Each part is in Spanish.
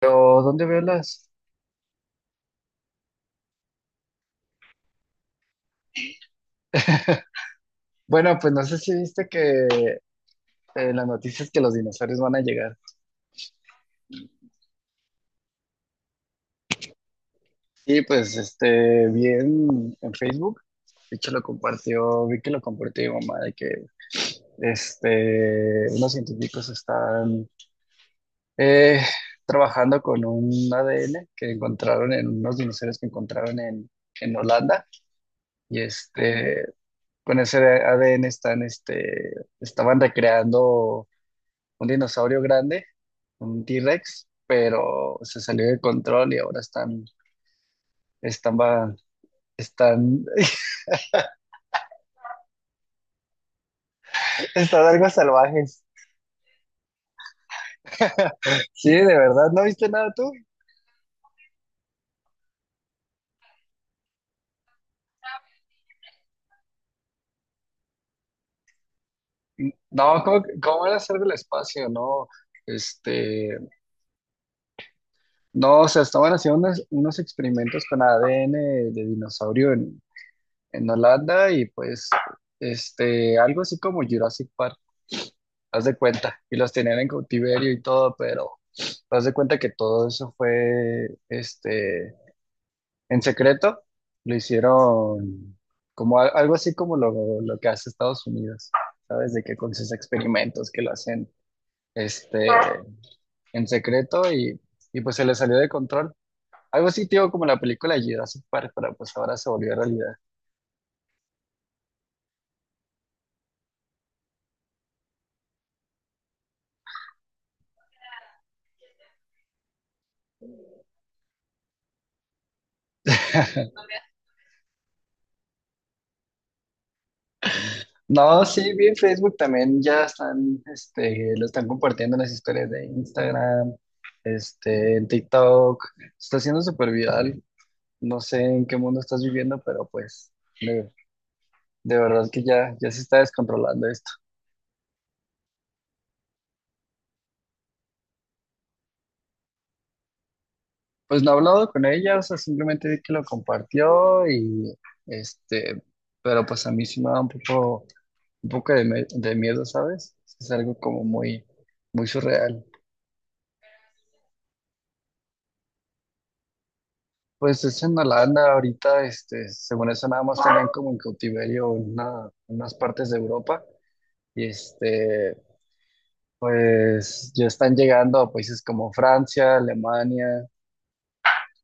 Pero, ¿dónde veo las? Bueno, pues no sé si viste que las noticias que los dinosaurios van a llegar. Y pues, este, vi en Facebook, de hecho lo compartió, vi que lo compartió mi mamá, de que, este, unos científicos están eh, trabajando con un ADN que encontraron en unos dinosaurios que encontraron en Holanda. Y este, con ese ADN están, este, estaban recreando un dinosaurio grande, un T-Rex, pero se salió de control y ahora están, va- están, están algo salvajes. Sí, de verdad, ¿no viste nada tú? No, cómo era hacer del espacio? No, este, no, o sea, estaban haciendo unos experimentos con ADN de dinosaurio en Holanda y pues, este, algo así como Jurassic Park, haz de cuenta, y los tenían en cautiverio y todo, pero haz de cuenta que todo eso fue, este, en secreto, lo hicieron como algo así como lo que hace Estados Unidos, ¿sabes? De que con sus experimentos que lo hacen, este, en secreto y pues se le salió de control. Algo así, tío, como la película Jurassic Park, pero pues ahora se volvió realidad. No, sí, vi en Facebook también, ya están, este, lo están compartiendo en las historias de Instagram, este, en TikTok, se está haciendo súper viral. No sé en qué mundo estás viviendo, pero pues de, de verdad que ya se está descontrolando esto. Pues no he hablado con ella, o sea, simplemente vi que lo compartió y este, pero pues a mí sí me da un poco de miedo, ¿sabes? Es algo como muy, muy surreal. Pues es en Holanda ahorita, este, según eso nada más tenían como en cautiverio unas partes de Europa y este, pues ya están llegando a países como Francia, Alemania,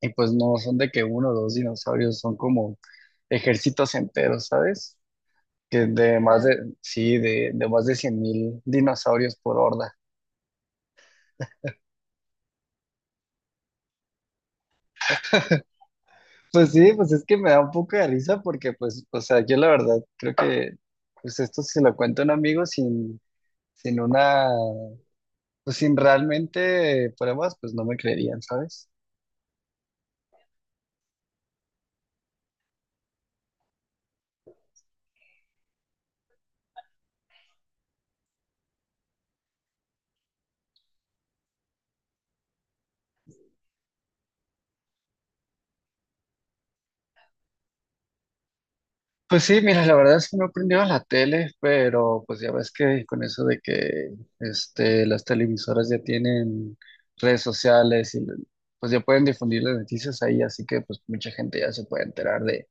y pues no son de que uno o dos dinosaurios, son como ejércitos enteros, ¿sabes? Que de más, ah, sí, de más de 100.000 dinosaurios por horda. Pues sí, pues es que me da un poco de risa porque, pues, o sea, yo la verdad creo que, pues esto se lo cuento a un amigo sin una, pues sin realmente pruebas, pues no me creerían, ¿sabes? Pues sí, mira, la verdad es que no he aprendido a la tele, pero pues ya ves que con eso de que este, las televisoras ya tienen redes sociales y pues ya pueden difundir las noticias ahí, así que pues mucha gente ya se puede enterar de,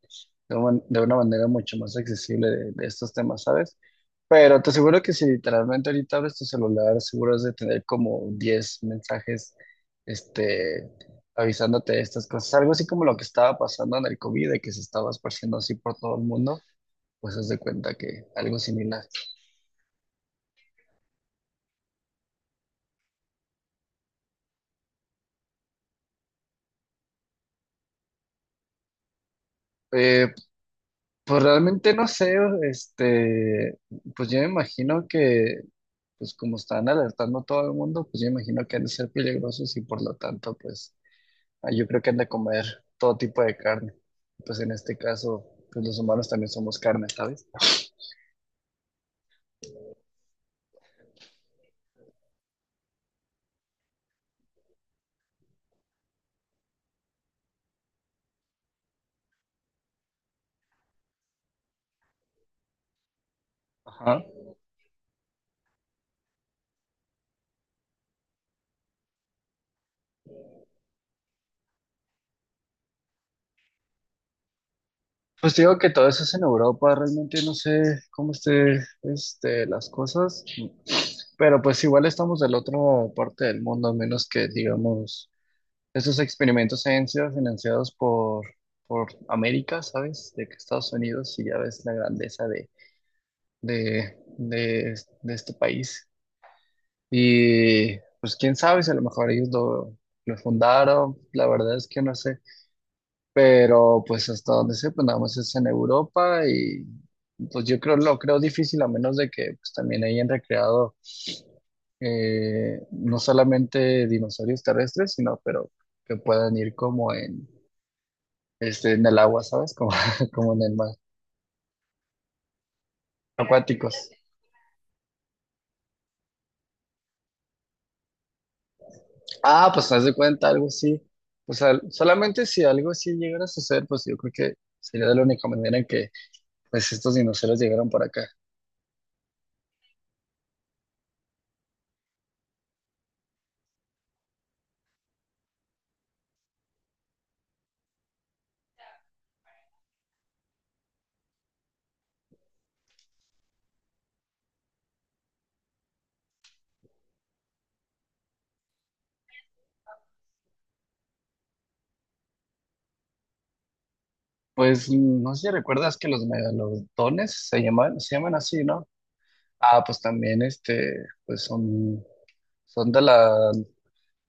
de, un- de una manera mucho más accesible de estos temas, ¿sabes? Pero te aseguro que si literalmente ahorita abres tu celular, seguro has de tener como 10 mensajes, este, avisándote de estas cosas, algo así como lo que estaba pasando en el COVID, de que se estaba esparciendo así por todo el mundo. Pues haz de cuenta que algo similar. Eh, pues realmente no sé, este, pues yo me imagino que, pues como están alertando a todo el mundo, pues yo me imagino que han de ser peligrosos y por lo tanto, pues yo creo que han de comer todo tipo de carne. Pues en este caso, pues los humanos también somos carne, ¿sabes? Ajá. Pues digo que todo eso es en Europa, realmente no sé cómo esté, este, las cosas, pero pues igual estamos del otro parte del mundo, a menos que digamos esos experimentos han sido financiados por América, ¿sabes? De que Estados Unidos, y ya ves la grandeza de este país. Y pues quién sabe si a lo mejor ellos lo fundaron, la verdad es que no sé. Pero pues hasta donde sé, pues nada más es en Europa y pues yo creo, lo creo difícil a menos de que pues también hayan recreado no solamente dinosaurios terrestres, sino pero que puedan ir como en este, en el agua, ¿sabes? Como, como en el mar. Acuáticos. Ah, pues haz de cuenta, algo así. Pues solamente si algo así llegara a suceder, pues yo creo que sería de la única manera en que pues estos dinosaurios llegaron por acá. Pues no sé si recuerdas que los megalodones se llaman así, ¿no? Ah, pues también este, pues son, son de la,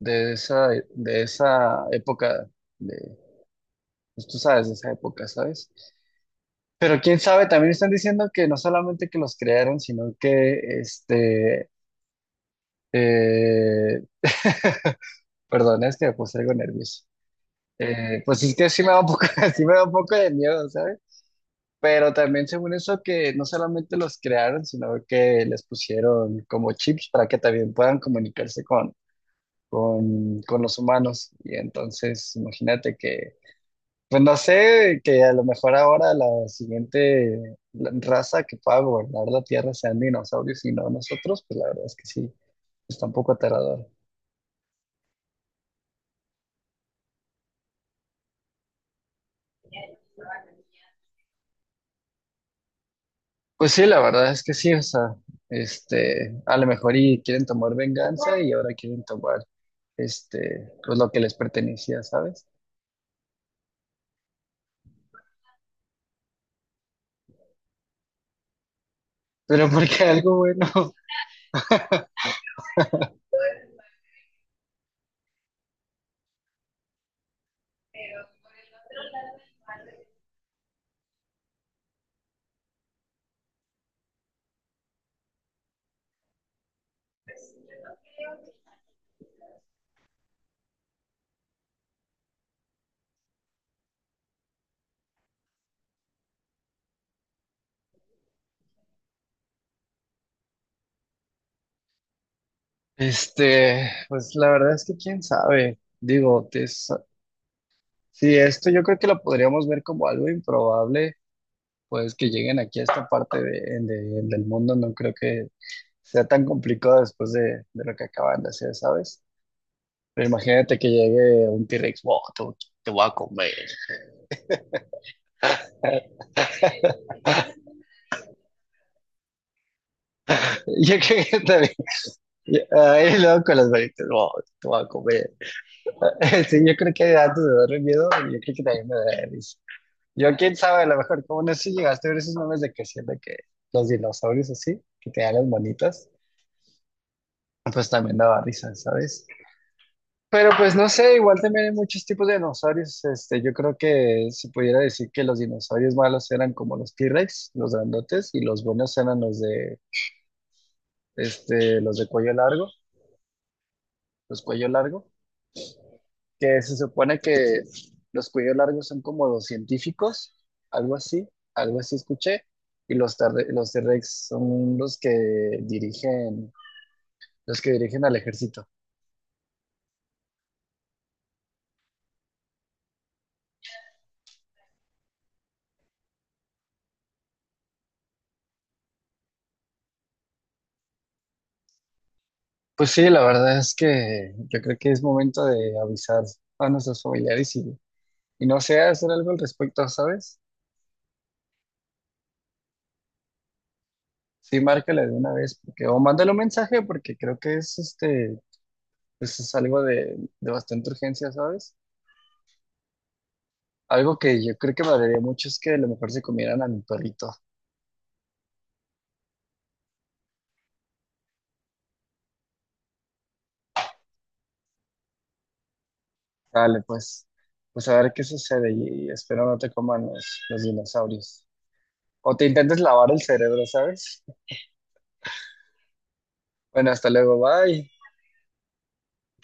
de esa, de esa época, de, pues tú sabes, de esa época, ¿sabes? Pero quién sabe, también están diciendo que no solamente que los crearon, sino que este, eh, perdón, es que me puse algo nervioso. Pues es que sí me da un poco, sí me da un poco de miedo, ¿sabes? Pero también según eso que no solamente los crearon, sino que les pusieron como chips para que también puedan comunicarse con los humanos. Y entonces, imagínate que pues no sé, que a lo mejor ahora la siguiente raza que pueda gobernar la Tierra sean dinosaurios y no nosotros, pues la verdad es que sí, está un poco aterrador. Pues sí, la verdad es que sí, o sea, este, a lo mejor y quieren tomar venganza y ahora quieren tomar, este, pues lo que les pertenecía, ¿sabes? Pero porque algo bueno, este, pues la verdad es que quién sabe, digo, es, sí, esto yo creo que lo podríamos ver como algo improbable, pues que lleguen aquí a esta parte del mundo, no creo que sea tan complicado después de lo que acaban de hacer, ¿sabes? Pero imagínate que llegue un T-Rex, wow, te voy a comer. Yo creo que también, ahí luego con las manitas, wow, te voy a comer. Sí, yo creo que antes de darme miedo, yo creo que también me daría risa. Yo, quién sabe, a lo mejor, como no sé si llegaste a ver esos memes de que siempre que los dinosaurios así, que te dan las manitas, pues también daba risa, ¿sabes? Pero pues no sé, igual también hay muchos tipos de dinosaurios. Este, yo creo que se pudiera decir que los dinosaurios malos eran como los T-Rex, los grandotes, y los buenos eran los de, este, los de cuello largo, los cuello largo, que se supone que los cuello largos son como los científicos, algo así, algo así escuché, y los T-Rex son dirigen, los que dirigen al ejército. Pues sí, la verdad es que yo creo que es momento de avisar a nuestros familiares y no sé hacer algo al respecto, ¿sabes? Sí, márcale de una vez, porque, o mándale un mensaje, porque creo que es este, pues es algo de bastante urgencia, ¿sabes? Algo que yo creo que valería mucho es que a lo mejor se comieran a mi perrito. Dale, pues, pues a ver qué sucede y espero no te coman los dinosaurios. O te intentes lavar el cerebro, ¿sabes? Bueno, hasta luego, bye.